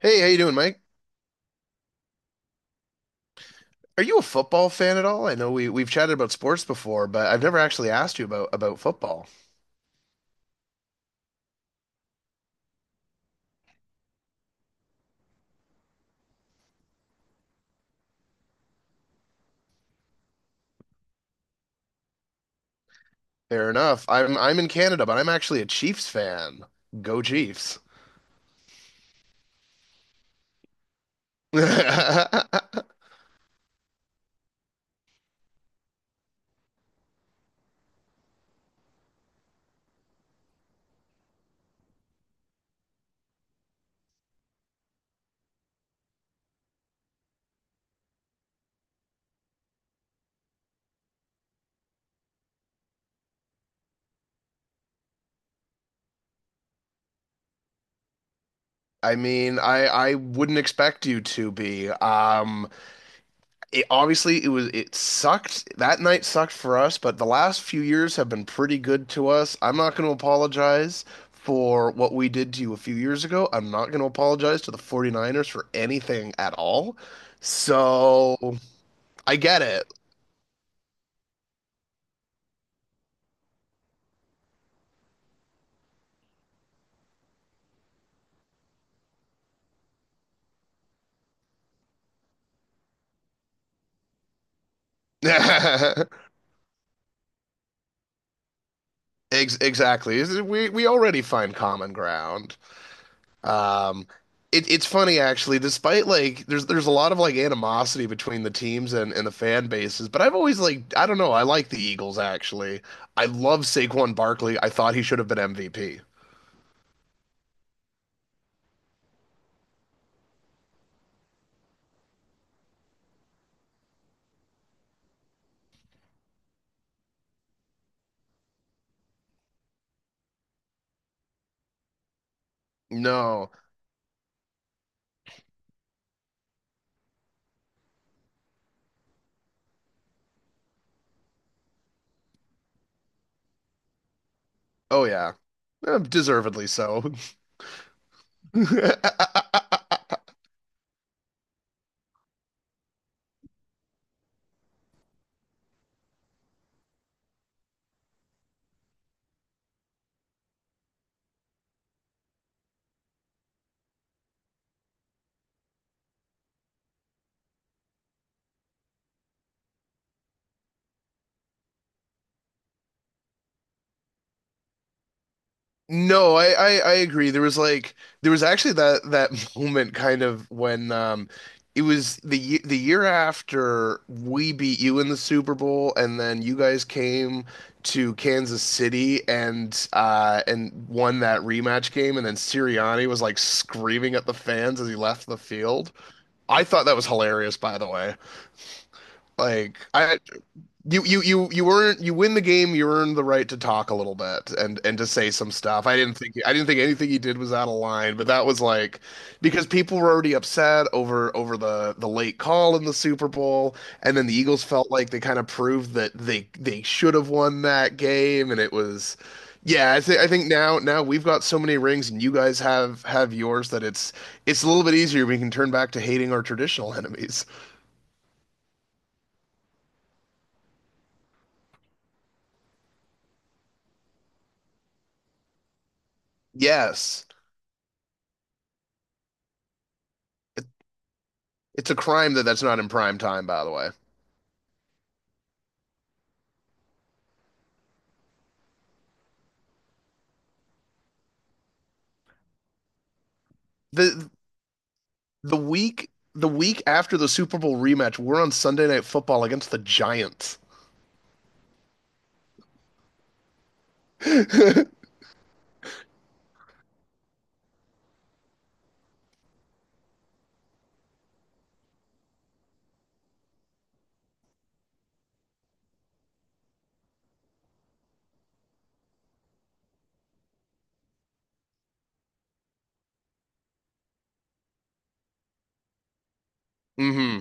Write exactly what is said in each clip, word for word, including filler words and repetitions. Hey, how you doing, Mike? Are you a football fan at all? I know we we've chatted about sports before, but I've never actually asked you about about football. Fair enough. I'm I'm in Canada, but I'm actually a Chiefs fan. Go Chiefs. I mean, I I wouldn't expect you to be. Um, it obviously it was it sucked. That night sucked for us, but the last few years have been pretty good to us. I'm not going to apologize for what we did to you a few years ago. I'm not going to apologize to the 49ers for anything at all. So I get it. Ex exactly. Is- We we already find common ground. Um, it, it's funny actually, despite like there's there's a lot of like animosity between the teams and, and the fan bases, but I've always like I don't know, I like the Eagles actually. I love Saquon Barkley. I thought he should have been M V P. No. Oh yeah. Eh, deservedly so. No, I, I I agree. There was like there was actually that that moment kind of when um it was the ye- the year after we beat you in the Super Bowl and then you guys came to Kansas City and uh and won that rematch game and then Sirianni was like screaming at the fans as he left the field. I thought that was hilarious, by the way. Like I you you you you earn you win the game. You earn the right to talk a little bit and and to say some stuff. I didn't think I didn't think anything he did was out of line, but that was like because people were already upset over over the the late call in the Super Bowl, and then the Eagles felt like they kind of proved that they they should have won that game, and it was yeah. I think I think now now we've got so many rings, and you guys have have yours that it's it's a little bit easier. We can turn back to hating our traditional enemies. Yes. It's a crime that that's not in prime time, by the way. The the week the week after the Super Bowl rematch, we're on Sunday Night Football against the Giants. Hmm.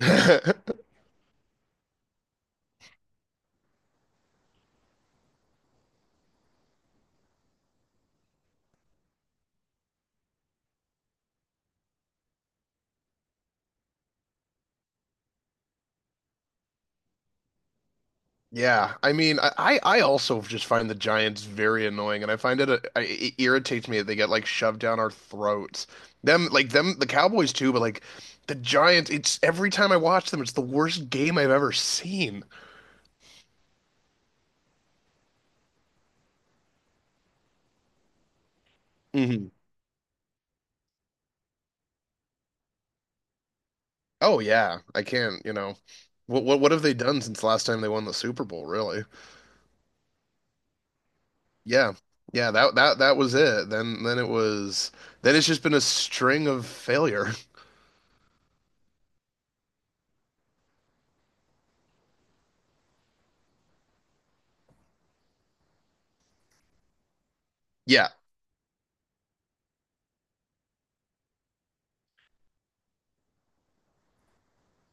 Yeah, I mean, I I also just find the Giants very annoying, and I find it, a- I- it irritates me that they get like shoved down our throats. Them like them the Cowboys too, but like the Giants, it's every time I watch them, it's the worst game I've ever seen. Hmm. Oh yeah, I can't, you know, what what what have they done since last time they won the Super Bowl, really? Yeah. Yeah, that that that was it. Then then it was then it's just been a string of failure. Yeah.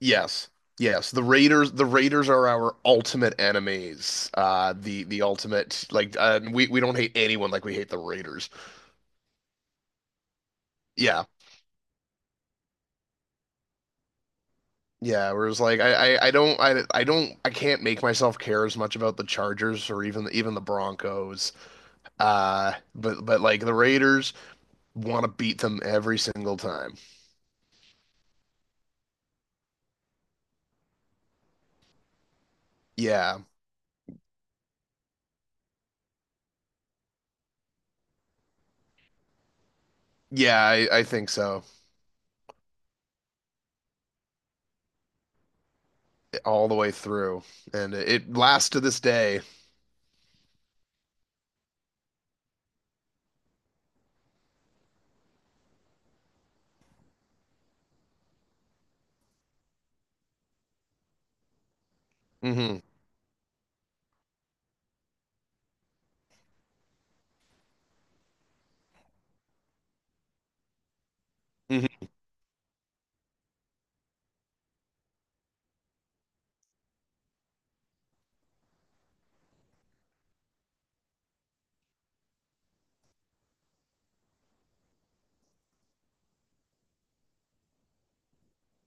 Yes. Yes. The Raiders the Raiders are our ultimate enemies. Uh the the ultimate like uh, we we don't hate anyone like we hate the Raiders. Yeah. Yeah, where it's like I, I I don't I I don't I can't make myself care as much about the Chargers or even even the Broncos. Uh but but like the Raiders want to beat them every single time. Yeah. Yeah, I, I think so. All the way through, and it lasts to this day. Hmm. Hmm.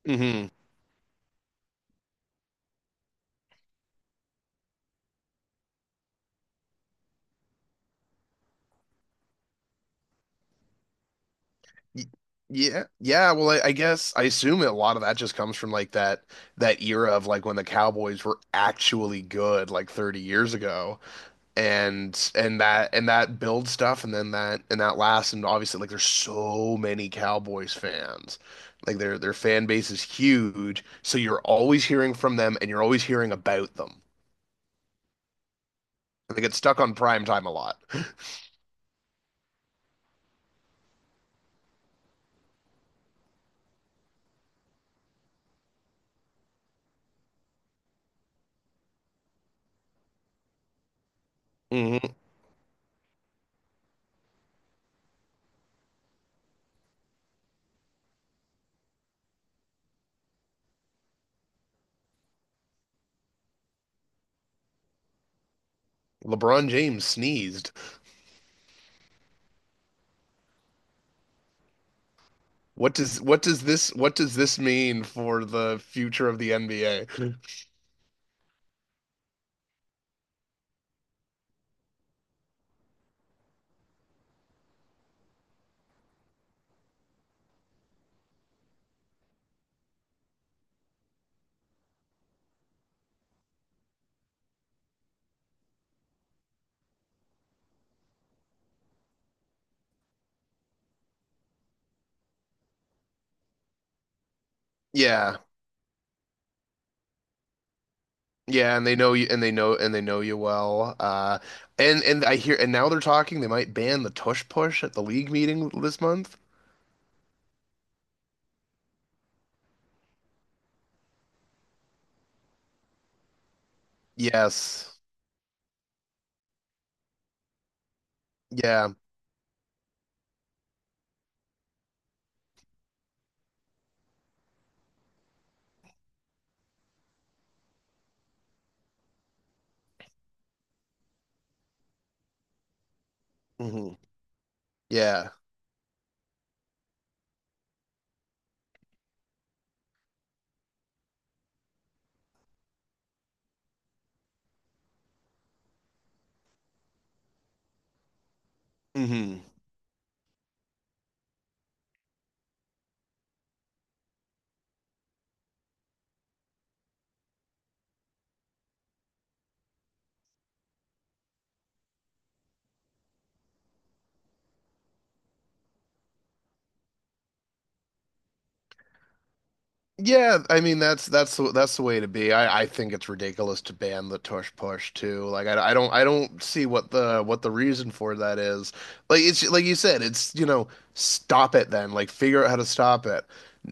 Hmm. Yeah, yeah. Well, I, I guess I assume a lot of that just comes from like that that era of like when the Cowboys were actually good, like thirty years ago, and and that and that builds stuff, and then that and that lasts, and obviously like there's so many Cowboys fans, like their their fan base is huge, so you're always hearing from them, and you're always hearing about them. They get stuck on prime time a lot. LeBron James sneezed. What does what does this what does this mean for the future of the N B A? Mm. Yeah. Yeah, and they know you and they know and they know you well. Uh and and I hear and now they're talking they might ban the tush push at the league meeting this month. Yes. Yeah. Hmm. Yeah. Hmm. Yeah, I mean that's that's the that's the way to be. I I think it's ridiculous to ban the tush push too. Like I, I don't I don't see what the what the reason for that is. Like it's like you said, it's you know stop it then. Like figure out how to stop it.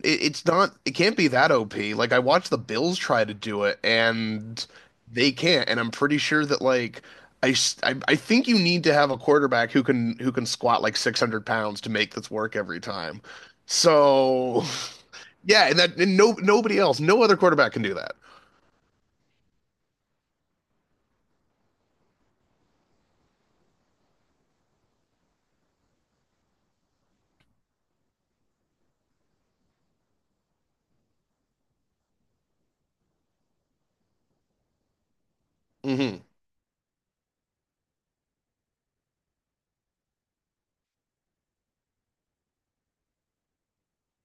It it's not it can't be that O P. Like I watched the Bills try to do it and they can't. And I'm pretty sure that like I, s- I I think you need to have a quarterback who can who can squat like six hundred pounds to make this work every time. So. Yeah, and that and no nobody else, no other quarterback can do that.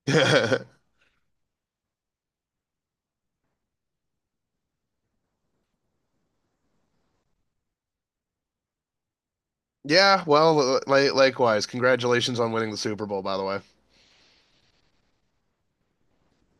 Mm-hmm. Yeah, well, li- likewise. Congratulations on winning the Super Bowl, by the way.